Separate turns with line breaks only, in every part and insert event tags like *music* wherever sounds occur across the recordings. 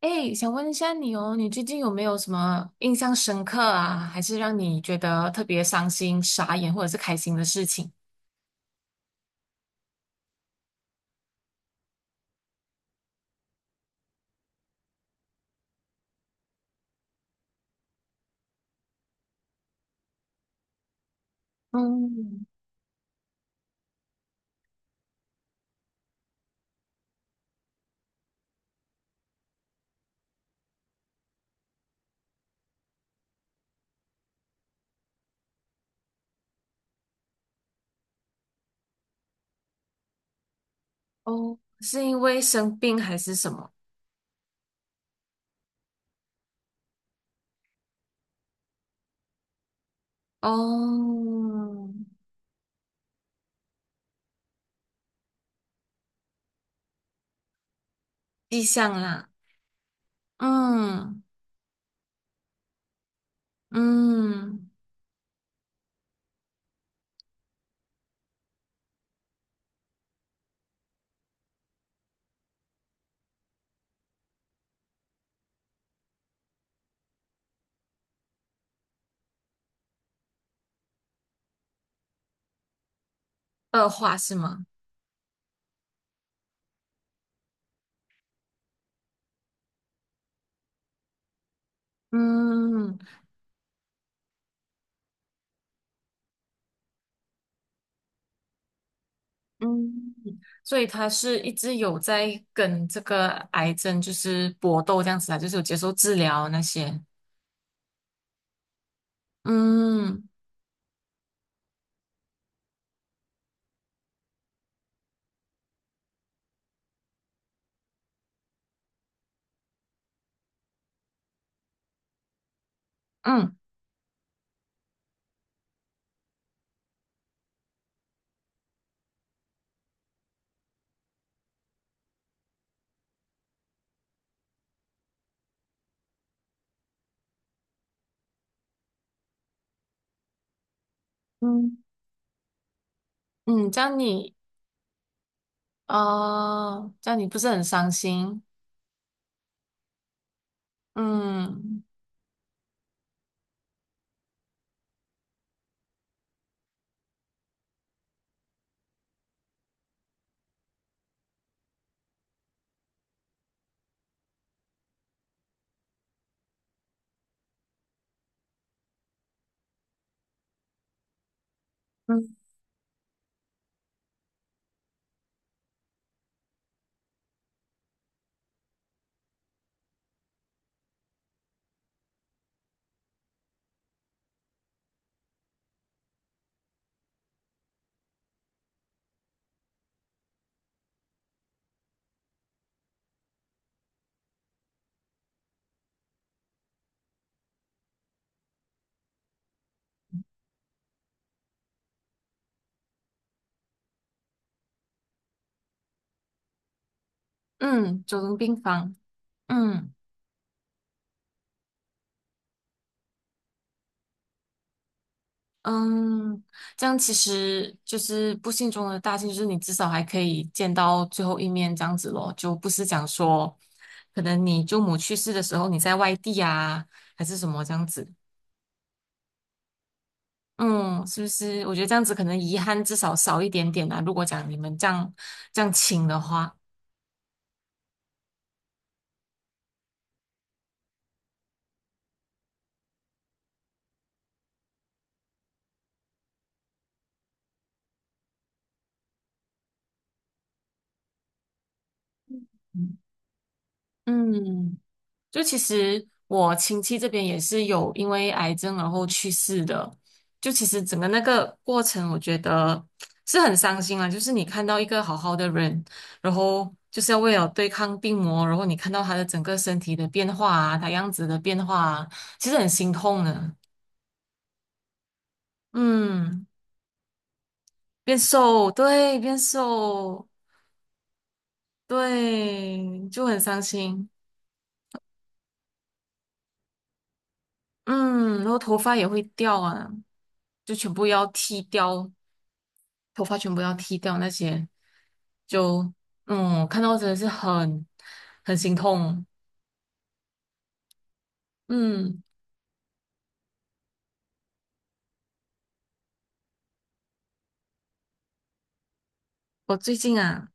哎，想问一下你哦，你最近有没有什么印象深刻啊，还是让你觉得特别伤心、傻眼或者是开心的事情？嗯，哦，是因为生病还是什么？哦，迹象啦，嗯嗯，恶化是吗？嗯嗯，所以他是一直有在跟这个癌症就是搏斗这样子啊，就是有接受治疗那些。嗯嗯嗯。嗯，这样你不是很伤心？嗯嗯嗯，走进病房，嗯嗯，这样其实就是不幸中的大幸，就是你至少还可以见到最后一面，这样子咯，就不是讲说，可能你舅母去世的时候你在外地啊，还是什么这样子，嗯，是不是？我觉得这样子可能遗憾至少少一点点啊，如果讲你们这样亲的话，嗯。嗯就其实我亲戚这边也是有因为癌症然后去世的，就其实整个那个过程，我觉得是很伤心啊。就是你看到一个好好的人，然后就是要为了对抗病魔，然后你看到他的整个身体的变化啊，他样子的变化啊，其实很心痛的。嗯，变瘦，对，变瘦，对，就很伤心。嗯，然后头发也会掉啊，就全部要剃掉。头发全部要剃掉那些，就嗯，看到真的是很很心痛。嗯。我最近啊，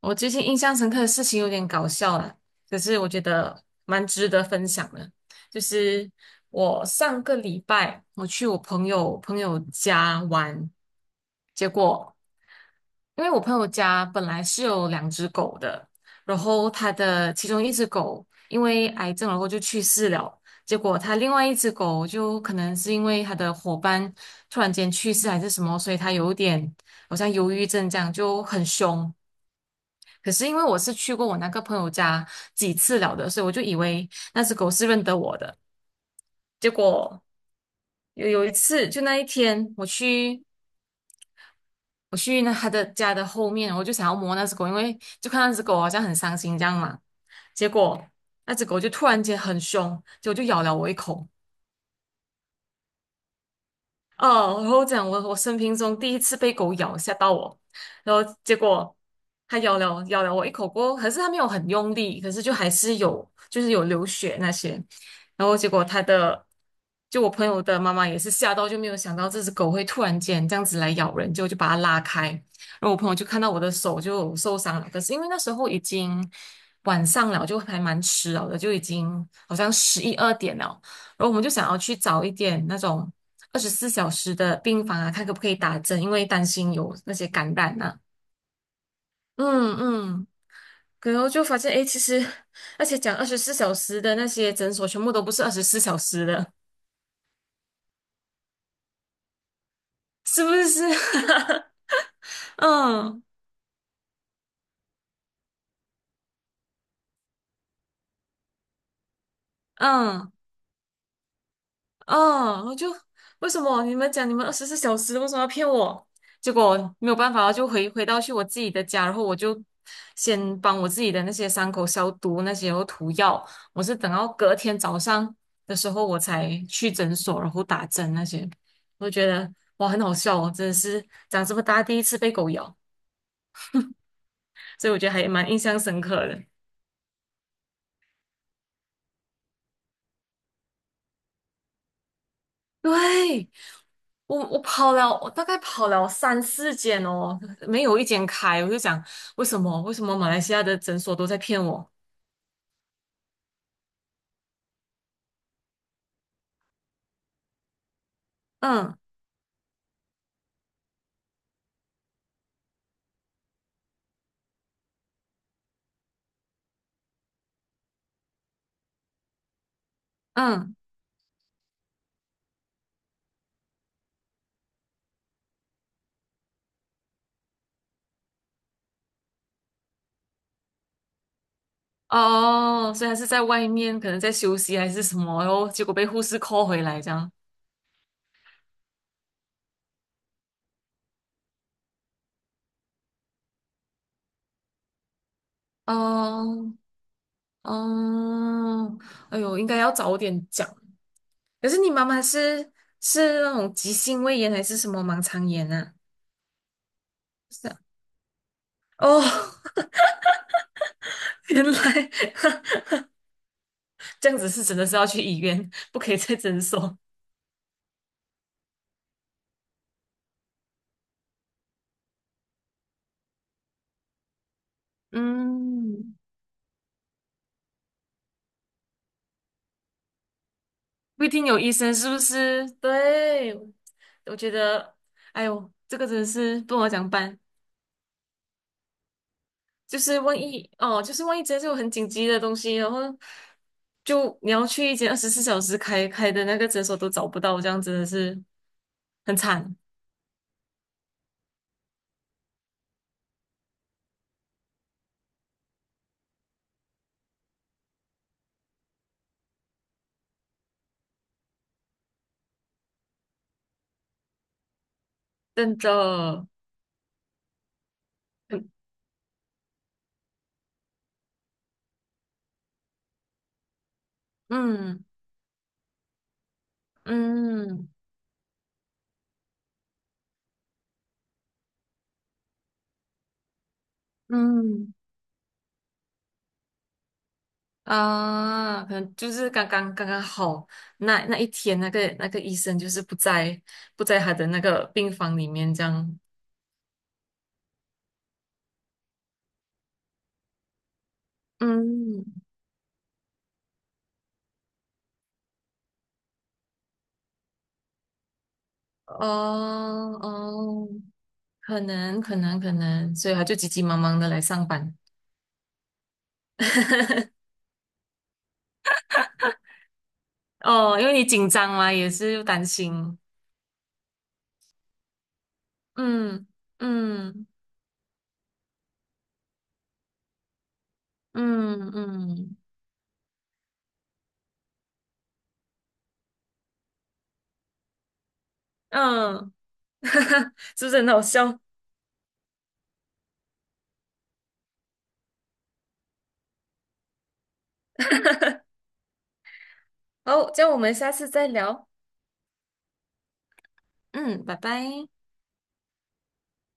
我最近印象深刻的事情有点搞笑啦，可是我觉得蛮值得分享的。就是我上个礼拜我去我朋友朋友家玩，结果因为我朋友家本来是有两只狗的，然后他的其中一只狗因为癌症然后就去世了。结果他另外一只狗就可能是因为他的伙伴突然间去世还是什么，所以他有点好像忧郁症这样就很凶。可是因为我是去过我那个朋友家几次了的，所以我就以为那只狗是认得我的。结果有一次，就那一天，我去那他的家的后面，我就想要摸那只狗，因为就看那只狗好像很伤心这样嘛。结果那只狗就突然间很凶，结果就咬了我一口。哦，然后讲我生平中第一次被狗咬，吓到我，然后结果它咬了我一口锅，可是它没有很用力，可是就还是有就是有流血那些，然后结果它的就我朋友的妈妈也是吓到，就没有想到这只狗会突然间这样子来咬人，就把它拉开，然后我朋友就看到我的手就受伤了，可是因为那时候已经晚上了，就还蛮迟了的，就已经好像11、12点了。然后我们就想要去找一点那种二十四小时的病房啊，看可不可以打针，因为担心有那些感染啊。嗯嗯，然后就发现，诶，其实而且讲二十四小时的那些诊所，全部都不是二十四小时的，是不是？*laughs* 嗯嗯。啊！我就为什么你们讲你们二十四小时，为什么要骗我？结果没有办法，就回到去我自己的家，然后我就先帮我自己的那些伤口消毒，那些然后涂药。我是等到隔天早上的时候，我才去诊所，然后打针那些。我觉得哇，很好笑哦，真的是长这么大第一次被狗咬，所以我觉得还蛮印象深刻的。对，我跑了，我大概跑了3、4间哦，没有一间开，我就想为什么？为什么马来西亚的诊所都在骗我？嗯嗯，哦，所以他是在外面，可能在休息还是什么，然后结果被护士 call 回来这样。哦哦，哎呦，应该要早点讲。可是你妈妈是是那种急性胃炎还是什么盲肠炎啊？是啊哦，*laughs* 原来 *laughs* 这样子是真的是要去医院，不可以在诊所。嗯，不一定有医生，是不是？对，我觉得，哎呦，这个真的是不好讲办。就是万一哦，就是万一真的是有很紧急的东西，然后就你要去一间二十四小时开开的那个诊所都找不到，这样真的是很惨，真的。嗯嗯嗯。嗯啊，可能就是刚刚好，那一天那个医生就是不在他的那个病房里面这样，嗯，哦哦，可能，所以他就急急忙忙的来上班，*laughs* 哦，因为你紧张嘛，也是又担心，嗯嗯嗯嗯嗯，*laughs* 是不是很好笑？*laughs* 好，这样我们下次再聊，嗯，拜拜。